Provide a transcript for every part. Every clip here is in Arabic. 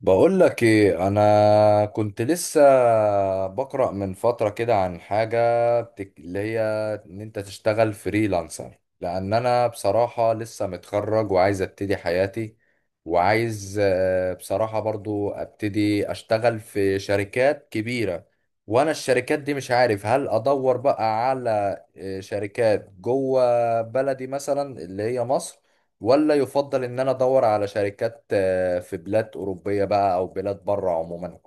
بقول لك ايه؟ انا كنت لسه بقرأ من فترة كده عن حاجة اللي هي ان انت تشتغل فريلانسر. لان انا بصراحة لسه متخرج وعايز ابتدي حياتي، وعايز بصراحة برضو ابتدي اشتغل في شركات كبيرة. وانا الشركات دي مش عارف، هل ادور بقى على شركات جوه بلدي مثلا اللي هي مصر، ولا يفضل ان انا ادور على شركات في بلاد اوروبيه بقى او بلاد بره عموما.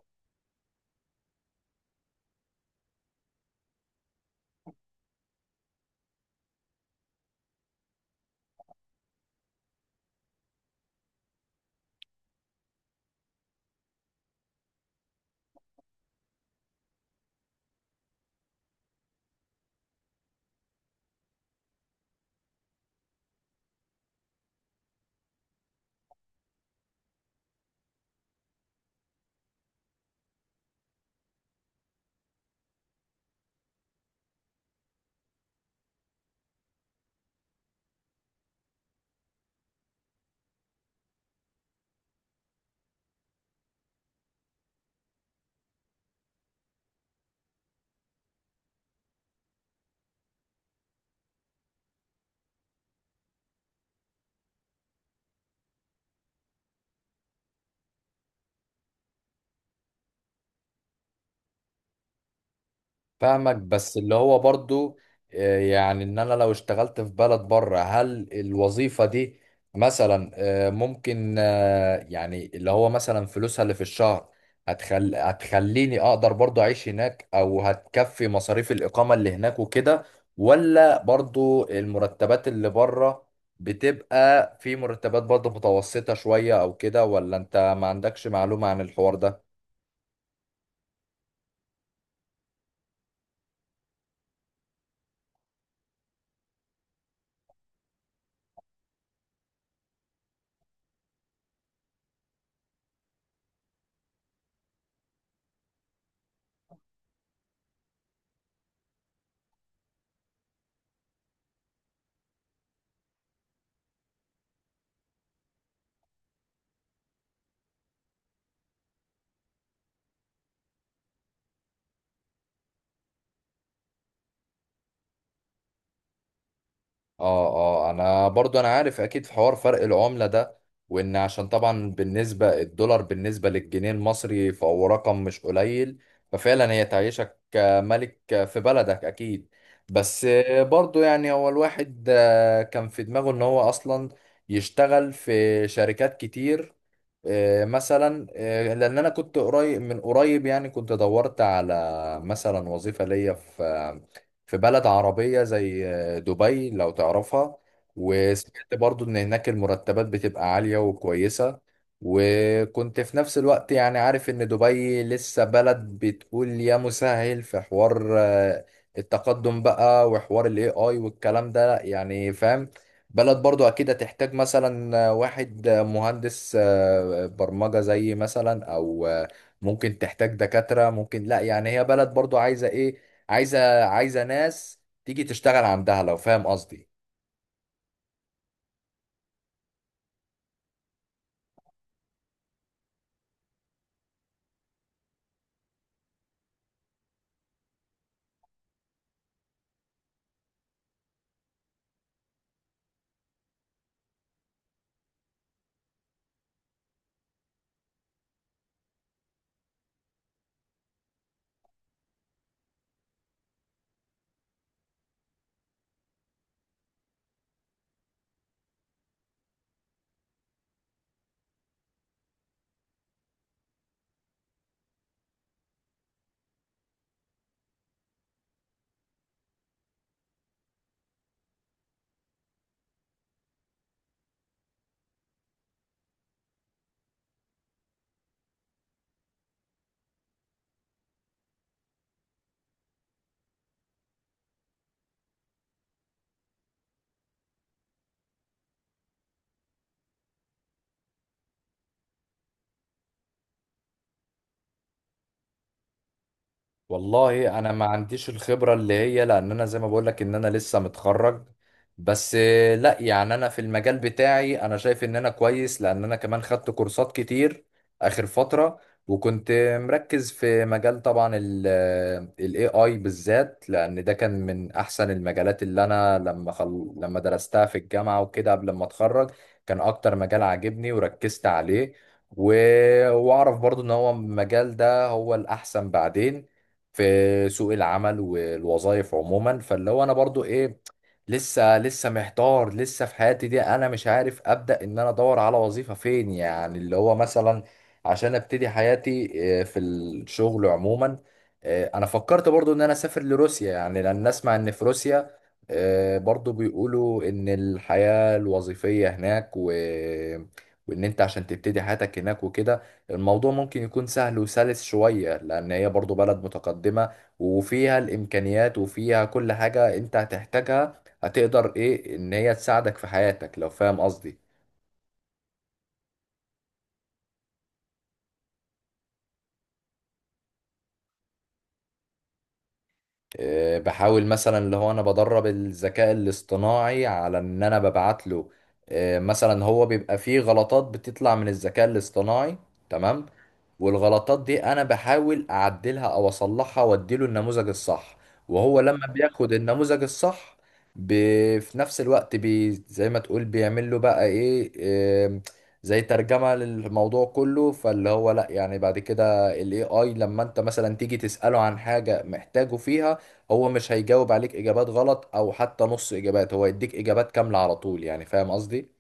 فاهمك، بس اللي هو برضو يعني ان انا لو اشتغلت في بلد بره، هل الوظيفه دي مثلا ممكن يعني اللي هو مثلا فلوسها اللي في الشهر هتخليني اقدر برضو اعيش هناك، او هتكفي مصاريف الاقامة اللي هناك وكده؟ ولا برضو المرتبات اللي بره بتبقى في مرتبات برضو متوسطة شوية او كده؟ ولا انت ما عندكش معلومة عن الحوار ده؟ اه. اه، انا برضو انا عارف اكيد في حوار فرق العملة ده، وان عشان طبعا بالنسبة الدولار بالنسبة للجنيه المصري فهو رقم مش قليل. ففعلا هي تعيشك ملك في بلدك اكيد. بس برضو يعني هو الواحد كان في دماغه ان هو اصلا يشتغل في شركات كتير. مثلا لان انا كنت قريب من قريب، يعني كنت دورت على مثلا وظيفة ليا في بلد عربية زي دبي لو تعرفها. وسمعت برضو ان هناك المرتبات بتبقى عالية وكويسة. وكنت في نفس الوقت يعني عارف ان دبي لسه بلد بتقول يا مسهل في حوار التقدم بقى وحوار الاي اي والكلام ده، يعني فاهم. بلد برضو اكيد هتحتاج مثلا واحد مهندس برمجة زي مثلا، او ممكن تحتاج دكاترة، ممكن لا، يعني هي بلد برضو عايزة ايه. عايزة ناس تيجي تشتغل عندها، لو فاهم قصدي. والله انا ما عنديش الخبره اللي هي، لان انا زي ما بقول لك ان انا لسه متخرج. بس لا يعني انا في المجال بتاعي انا شايف ان انا كويس، لان انا كمان خدت كورسات كتير اخر فتره. وكنت مركز في مجال طبعا ال AI بالذات، لان ده كان من احسن المجالات اللي انا لما درستها في الجامعه وكده قبل ما اتخرج. كان اكتر مجال عاجبني وركزت عليه. و... واعرف برضو ان هو المجال ده هو الاحسن بعدين في سوق العمل والوظائف عموما. فاللي هو انا برضو ايه، لسه محتار، لسه في حياتي دي انا مش عارف ابدا ان انا ادور على وظيفه فين، يعني اللي هو مثلا عشان ابتدي حياتي في الشغل عموما. انا فكرت برضو ان انا اسافر لروسيا، يعني لان اسمع ان في روسيا برضو بيقولوا ان الحياه الوظيفيه هناك وان انت عشان تبتدي حياتك هناك وكده الموضوع ممكن يكون سهل وسلس شوية، لأن هي برضو بلد متقدمة وفيها الإمكانيات وفيها كل حاجة أنت هتحتاجها، هتقدر إيه إن هي تساعدك في حياتك، لو فاهم قصدي. بحاول مثلا اللي هو انا بدرب الذكاء الاصطناعي على ان انا ببعت له مثلا. هو بيبقى فيه غلطات بتطلع من الذكاء الاصطناعي، تمام. والغلطات دي انا بحاول اعدلها او اصلحها، واديله النموذج الصح. وهو لما بياخد النموذج الصح، ب... في نفس الوقت زي ما تقول بيعمل له بقى ايه، آم، زي ترجمة للموضوع كله. فاللي هو لا يعني بعد كده الاي اي لما انت مثلا تيجي تسأله عن حاجة محتاجه فيها، هو مش هيجاوب عليك اجابات غلط او حتى نص اجابات، هو يديك اجابات كاملة على طول، يعني فاهم قصدي.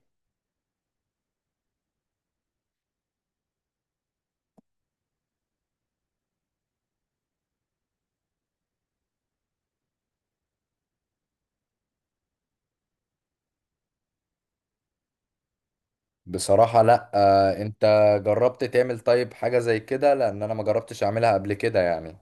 بصراحة لا. آه، انت جربت تعمل طيب حاجة زي كده؟ لان انا ما جربتش اعملها قبل كده يعني.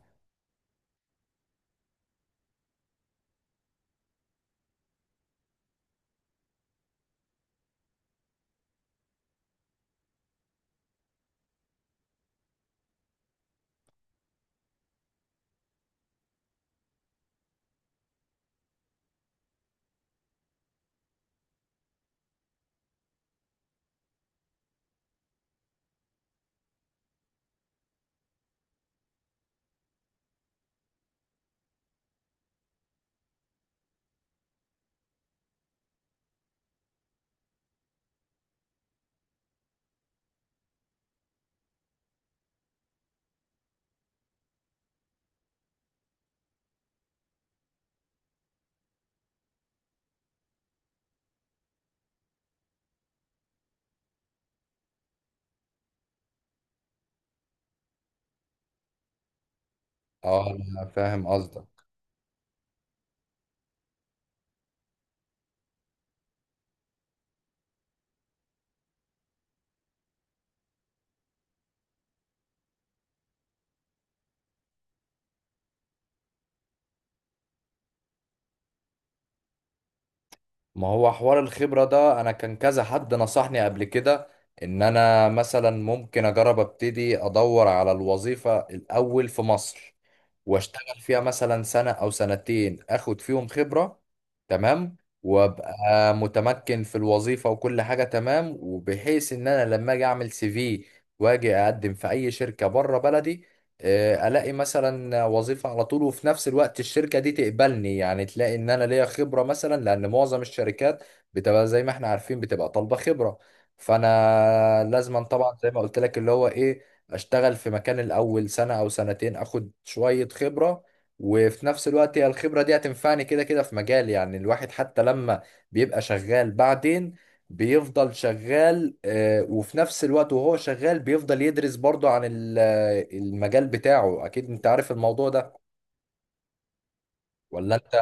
اه، أنا فاهم قصدك. ما هو حوار الخبرة ده انا كان كذا حد نصحني قبل كده ان انا مثلا ممكن اجرب ابتدي ادور على الوظيفة الاول في مصر، واشتغل فيها مثلا سنة او سنتين، اخد فيهم خبرة. تمام. وابقى متمكن في الوظيفة وكل حاجة تمام، وبحيث ان انا لما اجي اعمل سي في واجي اقدم في اي شركة بره بلدي، الاقي مثلا وظيفة على طول، وفي نفس الوقت الشركة دي تقبلني، يعني تلاقي ان انا ليا خبرة مثلا. لان معظم الشركات بتبقى زي ما احنا عارفين بتبقى طالبة خبرة. فانا لازما طبعا زي ما قلت لك اللي هو ايه، اشتغل في مكان الاول سنة او سنتين، اخد شوية خبرة. وفي نفس الوقت هي الخبرة دي هتنفعني كده كده في مجالي. يعني الواحد حتى لما بيبقى شغال بعدين بيفضل شغال، وفي نفس الوقت وهو شغال بيفضل يدرس برضه عن المجال بتاعه. اكيد انت عارف الموضوع ده، ولا انت؟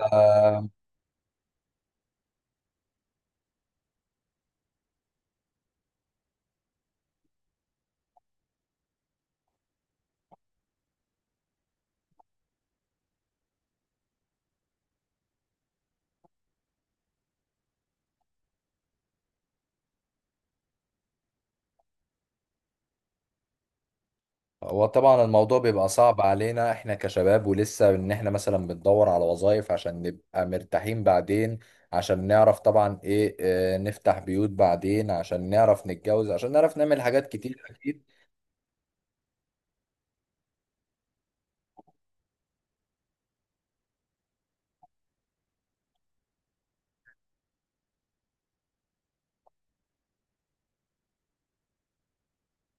هو طبعا الموضوع بيبقى صعب علينا احنا كشباب، ولسه ان احنا مثلا بندور على وظائف عشان نبقى مرتاحين بعدين، عشان نعرف طبعا ايه، اه، نفتح بيوت بعدين، عشان نعرف نتجوز، عشان نعرف نعمل حاجات كتير اكيد.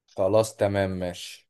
خلاص، تمام، ماشي.